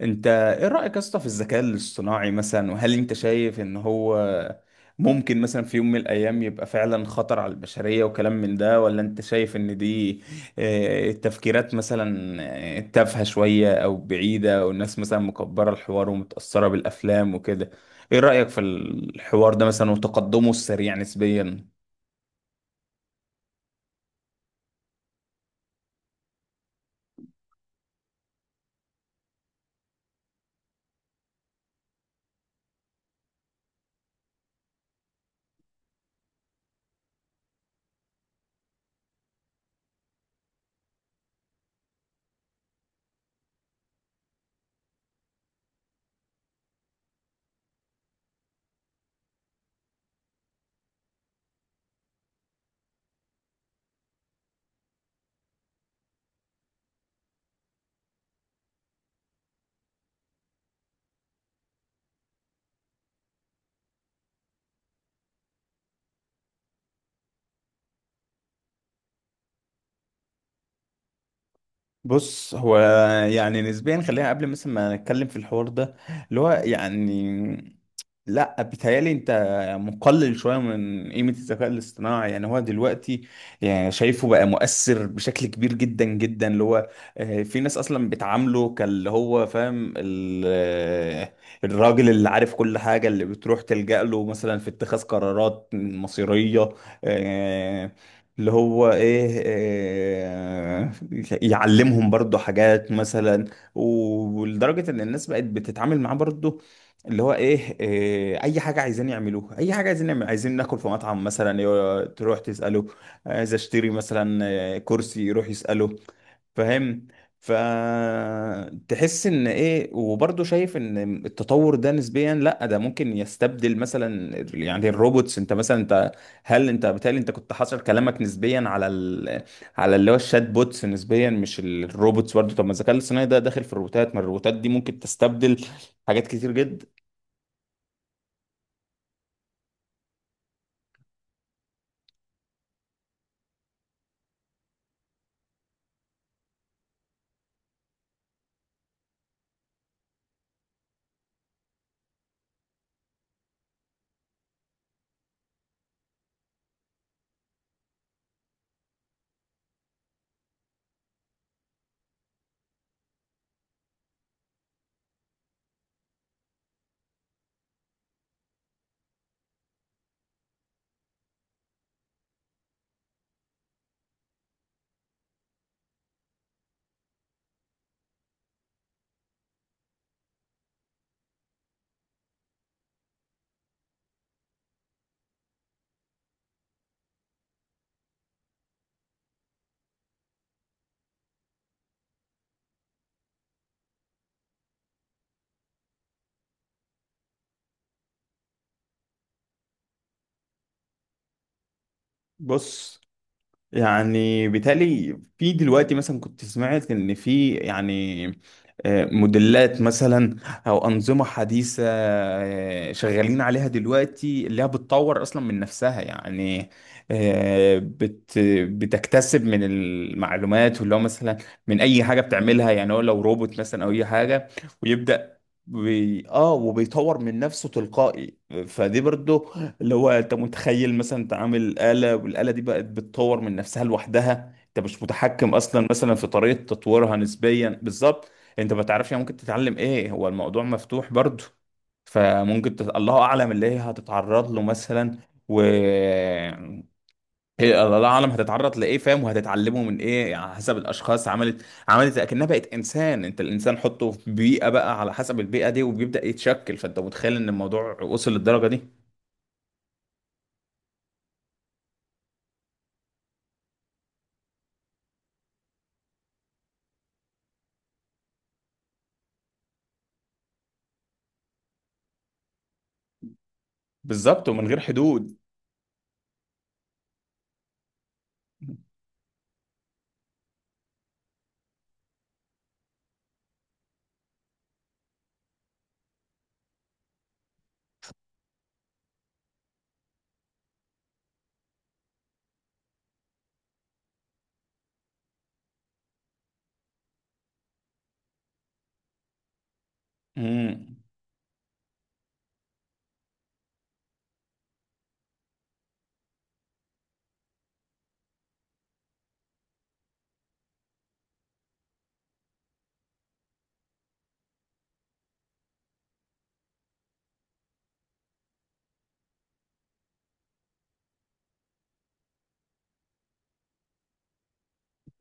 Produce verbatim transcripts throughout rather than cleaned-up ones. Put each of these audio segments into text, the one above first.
انت ايه رأيك يا اسطى في الذكاء الاصطناعي مثلا؟ وهل انت شايف ان هو ممكن مثلا في يوم من الايام يبقى فعلا خطر على البشرية وكلام من ده، ولا انت شايف ان دي آه، تفكيرات مثلا آه، تافهة شوية او بعيدة، والناس مثلا مكبرة الحوار ومتأثرة بالافلام وكده؟ ايه رأيك في الحوار ده مثلا وتقدمه السريع نسبيا؟ بص، هو يعني نسبيا خلينا قبل مثلا ما نتكلم في الحوار ده اللي هو يعني، لا، بيتهيألي انت مقلل شوية من قيمة الذكاء الاصطناعي. يعني هو دلوقتي، يعني شايفه بقى مؤثر بشكل كبير جدا جدا، اللي هو آه، في ناس اصلا بتعامله كاللي هو فاهم ال- آه، الراجل اللي عارف كل حاجة، اللي بتروح تلجأ له مثلا في اتخاذ قرارات مصيرية، آه، اللي هو ايه، آه، يعلمهم برضو حاجات مثلا. ولدرجة ان الناس بقت بتتعامل معاه برضو اللي هو ايه، آه، اي حاجة عايزين يعملوها، اي حاجة عايزين يعمل، عايزين ناكل في مطعم مثلا يو- تروح تسأله. عايز اشتري مثلا آه، كرسي، يروح يسأله، فاهم؟ فتحس ان ايه، وبرضه شايف ان التطور ده نسبيا، لا ده ممكن يستبدل مثلا، يعني الروبوتس. انت مثلا انت، هل انت بالتالي انت كنت حاصر كلامك نسبيا على ال... على اللي هو الشات بوتس نسبيا، مش الروبوتس برضه؟ طب ما الذكاء الاصطناعي ده داخل في الروبوتات، ما الروبوتات دي ممكن تستبدل حاجات كتير جدا. بص، يعني بالتالي في دلوقتي مثلا كنت سمعت ان في يعني آه، موديلات مثلا او انظمه حديثه، آه، شغالين عليها دلوقتي، اللي هي بتطور اصلا من نفسها. يعني آه، بت بتكتسب من المعلومات، واللي هو مثلا من اي حاجه بتعملها. يعني هو لو روبوت مثلا او اي حاجه، ويبدا بي... اه وبيطور من نفسه تلقائي. فدي برضو، اللي هو، انت متخيل مثلا انت عامل آلة والآلة دي بقت بتطور من نفسها لوحدها، انت مش متحكم اصلا مثلا في طريقة تطويرها نسبيا، بالظبط. انت ما تعرفش هي ممكن تتعلم ايه، هو الموضوع مفتوح برضو. فممكن تت... الله اعلم اللي هي هتتعرض له مثلا، و هي الله اعلم هتتعرض لايه، فاهم؟ وهتتعلمه من ايه، على حسب الاشخاص. عملت عملت اكنها بقت انسان، انت الانسان حطه في بيئه بقى، على حسب البيئه دي وبيبدا يتشكل. فانت متخيل ان الموضوع وصل للدرجه دي؟ بالظبط، ومن غير حدود. مم.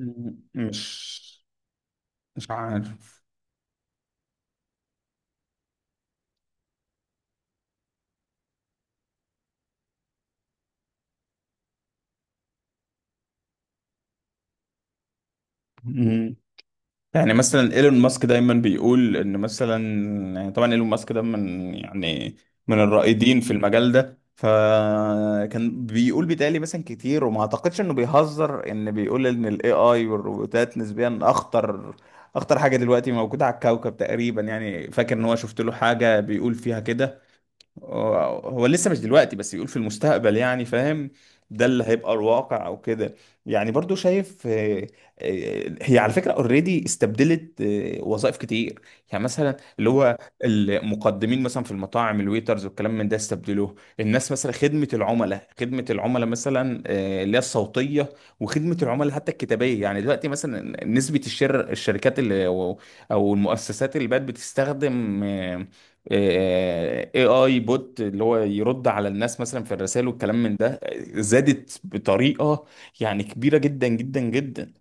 مم. مش مش عارف. مم. يعني مثلا ايلون ماسك دايما بيقول ان مثلا، يعني طبعا ايلون ماسك ده من، يعني، من الرائدين في المجال ده، فكان بيقول، بيتهيألي مثلا كتير وما اعتقدش انه بيهزر، ان بيقول ان الاي اي والروبوتات نسبيا اخطر، اخطر حاجه دلوقتي موجوده على الكوكب تقريبا. يعني فاكر ان هو، شفت له حاجه بيقول فيها كده. هو هو لسه، مش دلوقتي بس، بيقول في المستقبل، يعني فاهم؟ ده اللي هيبقى الواقع او كده. يعني برضو شايف، آه، آه، هي على فكرة اوريدي استبدلت آه، وظائف كتير، يعني مثلا اللي هو المقدمين مثلا في المطاعم، الويترز والكلام من ده، استبدلوه الناس مثلا. خدمة العملاء، خدمة العملاء مثلا آه، اللي هي الصوتية، وخدمة العملاء حتى الكتابية، يعني دلوقتي مثلا نسبة الشر الشركات اللي او أو المؤسسات اللي بقت بتستخدم آه، اي اي بوت، اللي هو يرد على الناس مثلا في الرسائل والكلام من ده، آه، زادت بطريقة يعني كبيرة جدا جدا جدا.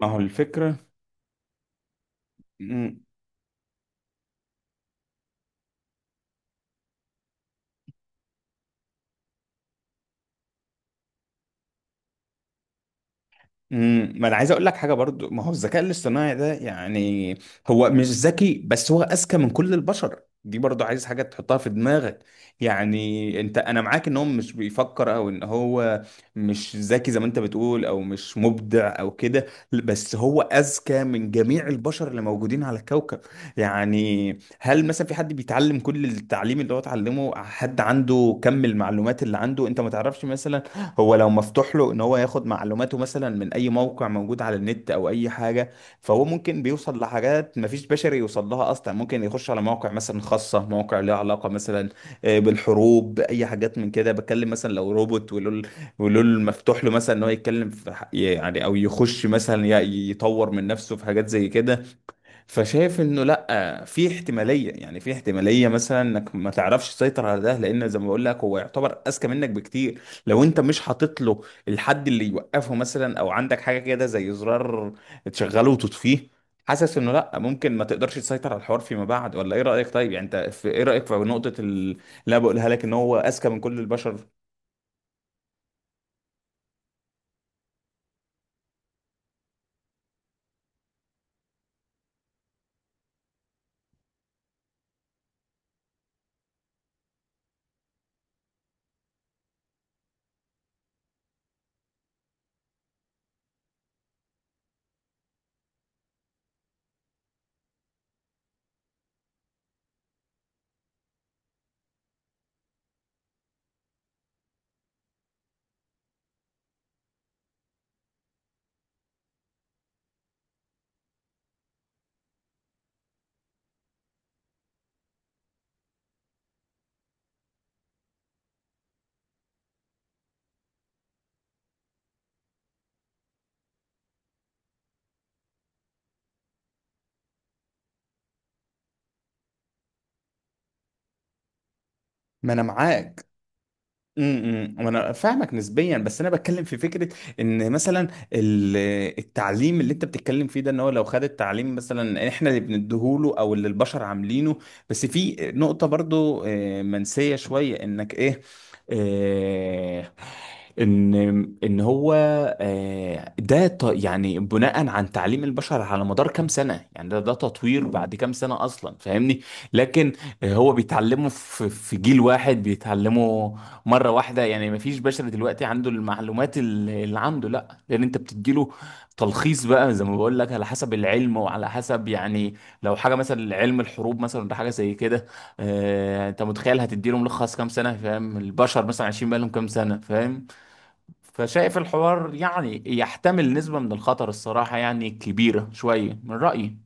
ما هو الفكرة، امم ما انا عايز اقول لك حاجه برضو، ما هو الذكاء الاصطناعي ده، يعني هو مش ذكي، بس هو اذكى من كل البشر دي، برضو عايز حاجه تحطها في دماغك. يعني انت، انا معاك ان هو مش بيفكر او ان هو مش ذكي زي ما انت بتقول او مش مبدع او كده، بس هو اذكى من جميع البشر اللي موجودين على الكوكب. يعني هل مثلا في حد بيتعلم كل التعليم اللي هو اتعلمه؟ حد عنده كم المعلومات اللي عنده؟ انت ما تعرفش مثلا، هو لو مفتوح له ان هو ياخد معلوماته مثلا من اي موقع موجود على النت او اي حاجه، فهو ممكن بيوصل لحاجات مفيش بشري يوصل لها اصلا. ممكن يخش على مواقع مثلا خاصه، مواقع ليها علاقه مثلا آه، بالحروب، باي حاجات من كده. بتكلم مثلا لو روبوت ولول، ولول مفتوح له مثلا ان هو يتكلم في ح- يعني، او يخش مثلا ي- يطور من نفسه في حاجات زي كده. فشايف انه لا، في احتماليه، يعني في احتماليه مثلا انك ما تعرفش تسيطر على ده، لان زي ما بقول لك هو يعتبر اذكى منك بكتير، لو انت مش حاطط له الحد اللي يوقفه مثلا، او عندك حاجه كده زي زرار تشغله وتطفيه. حاسس انه لا، ممكن ما تقدرش تسيطر على الحوار فيما بعد. ولا ايه رايك؟ طيب يعني، انت في ايه رايك في نقطه ال- اللي انا بقولها لك، ان هو اذكى من كل البشر؟ ما انا معاك. امم إمم. وانا فاهمك نسبيا، بس انا بتكلم في فكره ان مثلا ال- التعليم اللي انت بتتكلم فيه ده، ان هو لو خد التعليم مثلا احنا اللي بنديهوله او اللي البشر عاملينه. بس في نقطه برضو آه، منسيه شويه، انك ايه، آه، ان ان هو آه، ده ط- يعني بناء عن تعليم البشر على مدار كام سنه، يعني ده ده تطوير بعد كام سنه اصلا، فاهمني؟ لكن هو بيتعلمه في في جيل واحد، بيتعلمه مره واحده، يعني مفيش بشر دلوقتي عنده المعلومات ال- اللي عنده، لا لان انت بتديله تلخيص بقى، زي ما بقول لك، على حسب العلم وعلى حسب، يعني لو حاجه مثلا علم الحروب مثلا ولا حاجه زي كده، آه انت متخيل هتديله ملخص كام سنه، فاهم؟ البشر مثلا عايشين بقالهم كام سنه، فاهم؟ فشايف الحوار يعني يحتمل نسبه من الخطر، الصراحه يعني كبيره شويه من رايي.